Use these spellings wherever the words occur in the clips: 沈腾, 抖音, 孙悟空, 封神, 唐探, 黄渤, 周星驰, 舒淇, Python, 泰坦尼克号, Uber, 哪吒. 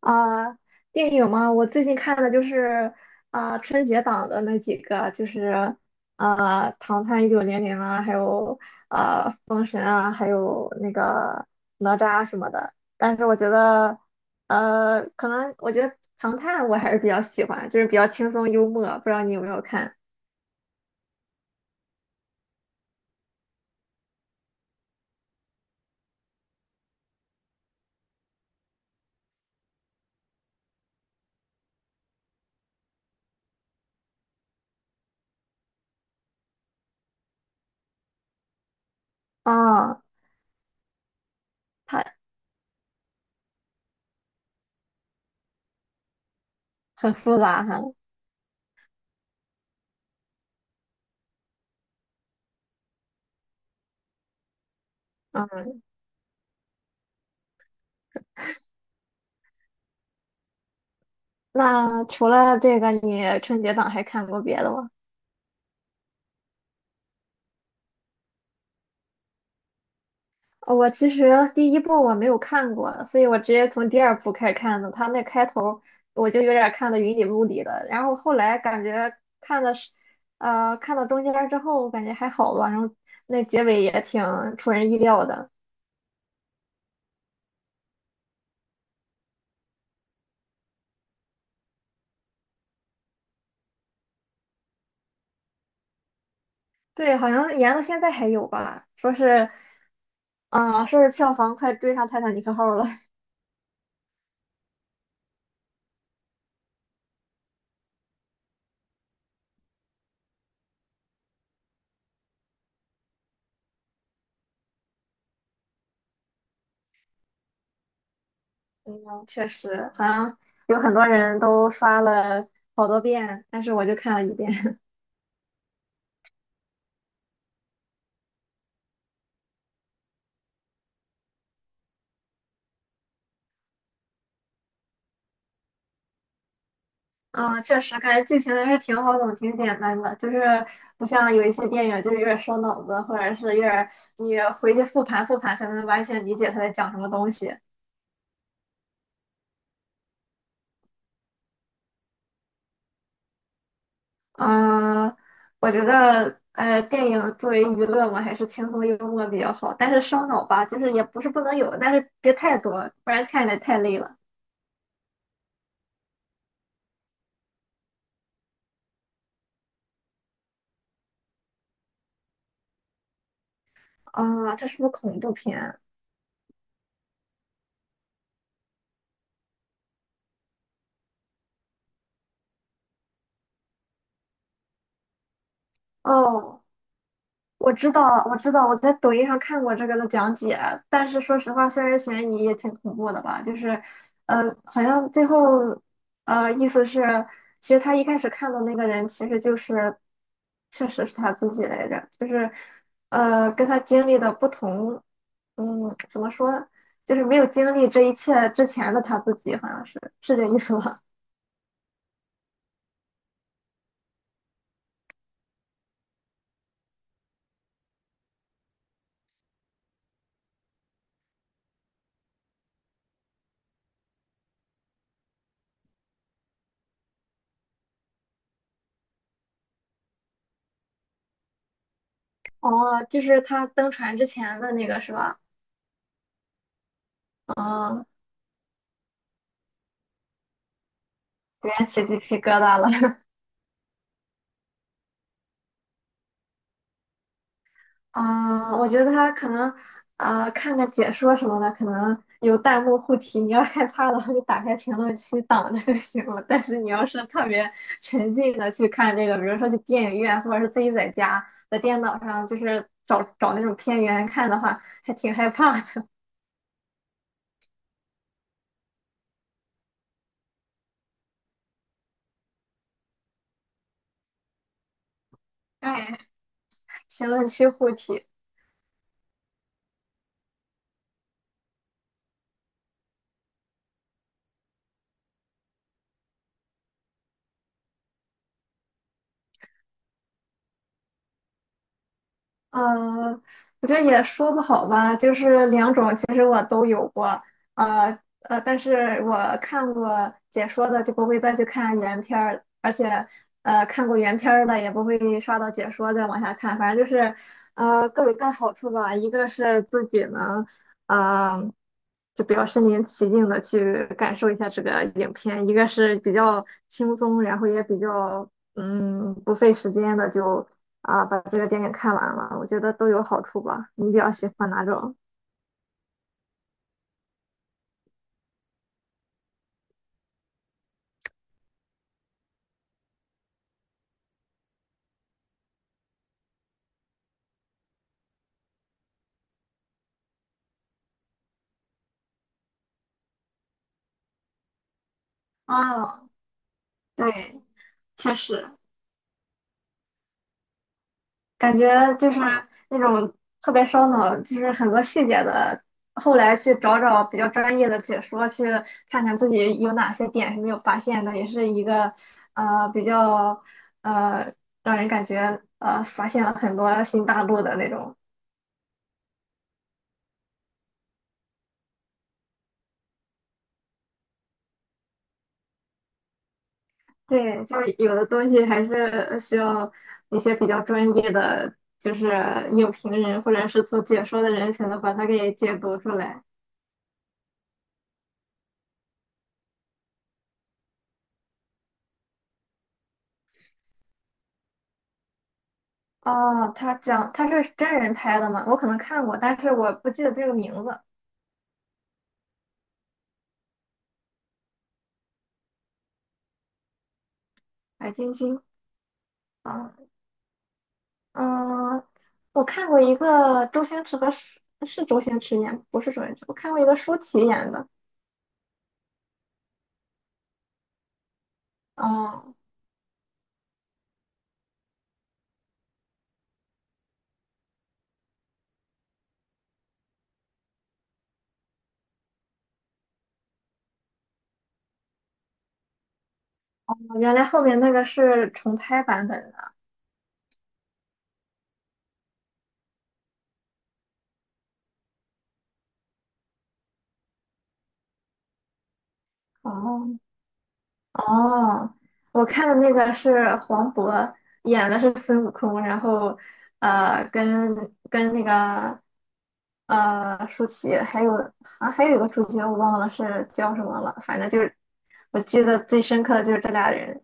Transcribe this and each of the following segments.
啊，电影嘛，我最近看的就是啊、春节档的那几个，就是啊、唐探一九零零》啊，还有啊、封神》啊，还有那个哪吒什么的。但是我觉得，可能我觉得《唐探》我还是比较喜欢，就是比较轻松幽默。不知道你有没有看？啊，它很复杂哈。嗯，那除了这个，你春节档还看过别的吗？我其实第一部我没有看过，所以我直接从第二部开始看的。他那开头我就有点看的云里雾里的，然后后来感觉看的是，看到中间儿之后感觉还好吧，然后那结尾也挺出人意料的。对，好像延到现在还有吧，说是，嗯、说是票房快追上《泰坦尼克号》了。嗯，确实，好像有很多人都刷了好多遍，但是我就看了一遍。嗯，确实感觉剧情还是挺好懂、挺简单的，就是不像有一些电影，就是有点烧脑子，或者是有点你回去复盘复盘才能完全理解他在讲什么东西。嗯，我觉得电影作为娱乐嘛，还是轻松幽默比较好，但是烧脑吧，就是也不是不能有，但是别太多，不然看着太累了。啊、这是不是恐怖片？哦。我知道，我知道，我在抖音上看过这个的讲解，但是说实话，虽然悬疑也挺恐怖的吧，就是，好像最后，意思是，其实他一开始看的那个人，其实就是，确实是他自己来着，就是，跟他经历的不同，嗯，怎么说，就是没有经历这一切之前的他自己，好像是这意思吧？哦，就是他登船之前的那个是吧？啊，有点起鸡皮疙瘩了。啊，我觉得他可能啊，看个解说什么的，可能有弹幕护体。你要害怕的话，就打开评论区挡着就行了。但是你要是特别沉浸的去看这个，比如说去电影院，或者是自己在家在电脑上，就是找找那种片源看的话，还挺害怕的。哎，评论区护体。嗯，我觉得也说不好吧，就是两种，其实我都有过，但是我看过解说的就不会再去看原片儿，而且看过原片儿的也不会刷到解说再往下看，反正就是各有各的好处吧，一个是自己能呃就比较身临其境的去感受一下这个影片，一个是比较轻松，然后也比较不费时间的就。啊，把这个电影看完了，我觉得都有好处吧。你比较喜欢哪种？啊，对，确实，感觉就是那种特别烧脑，就是很多细节的。后来去找找比较专业的解说，去看看自己有哪些点是没有发现的，也是一个比较呃让人感觉发现了很多新大陆的那种。对，就是有的东西还是需要一些比较专业的，就是影评人或者是做解说的人才能把它给解读出来。哦，他讲他是真人拍的吗？我可能看过，但是我不记得这个名字。白晶晶啊，嗯，我看过一个周星驰和舒是周星驰演，不是周星驰，我看过一个舒淇演的。哦，原来后面那个是重拍版本的。哦，哦，我看的那个是黄渤演的是孙悟空，然后呃，跟跟那个舒淇，还有一个主角我忘了是叫什么了，反正就是我记得最深刻的就是这俩人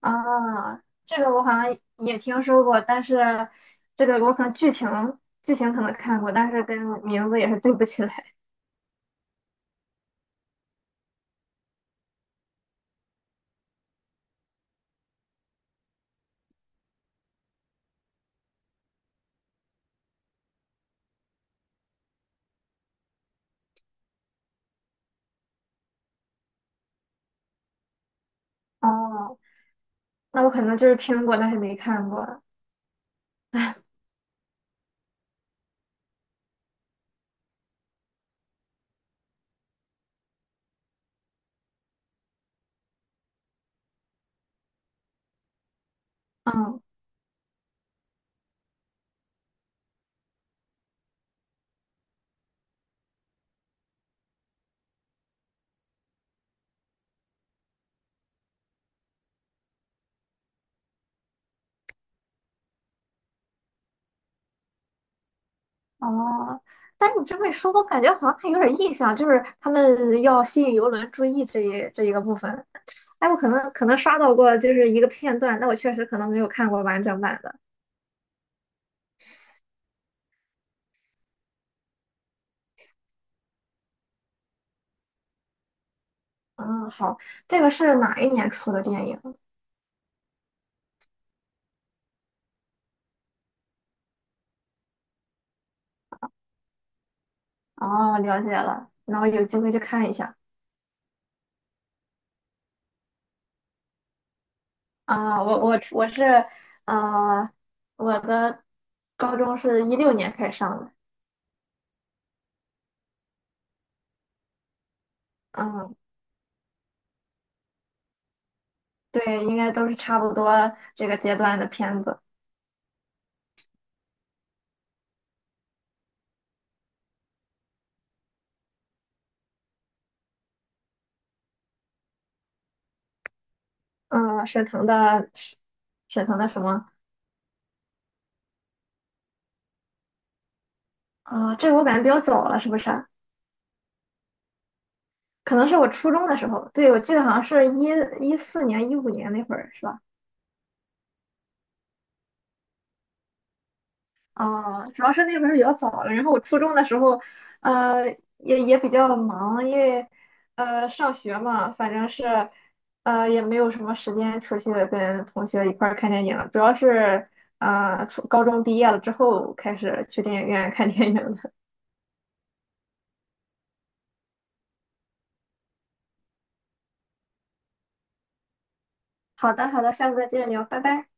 啊。这个我好像也听说过，但是这个我可能剧情可能看过，但是跟名字也是对不起来。哦，那我可能就是听过，但是没看过。嗯。哦，但是你这么一说，我感觉好像还有点印象，就是他们要吸引游轮注意这一个部分。哎，我可能刷到过就是一个片段，但我确实可能没有看过完整版的。嗯，好，这个是哪一年出的电影？哦，了解了，那我有机会去看一下。啊，我是呃，我的高中是一六年开始上的，嗯，对，应该都是差不多这个阶段的片子。嗯，沈腾的什么？啊、这个我感觉比较早了，是不是啊？可能是我初中的时候，对，我记得好像是一四年、一五年那会儿，是吧？啊、主要是那会儿比较早了，然后我初中的时候，呃，也比较忙，因为上学嘛，反正是也没有什么时间出去跟同学一块儿看电影了主要是初高中毕业了之后开始去电影院看电影的。好的，好的，下次再接着聊，拜拜。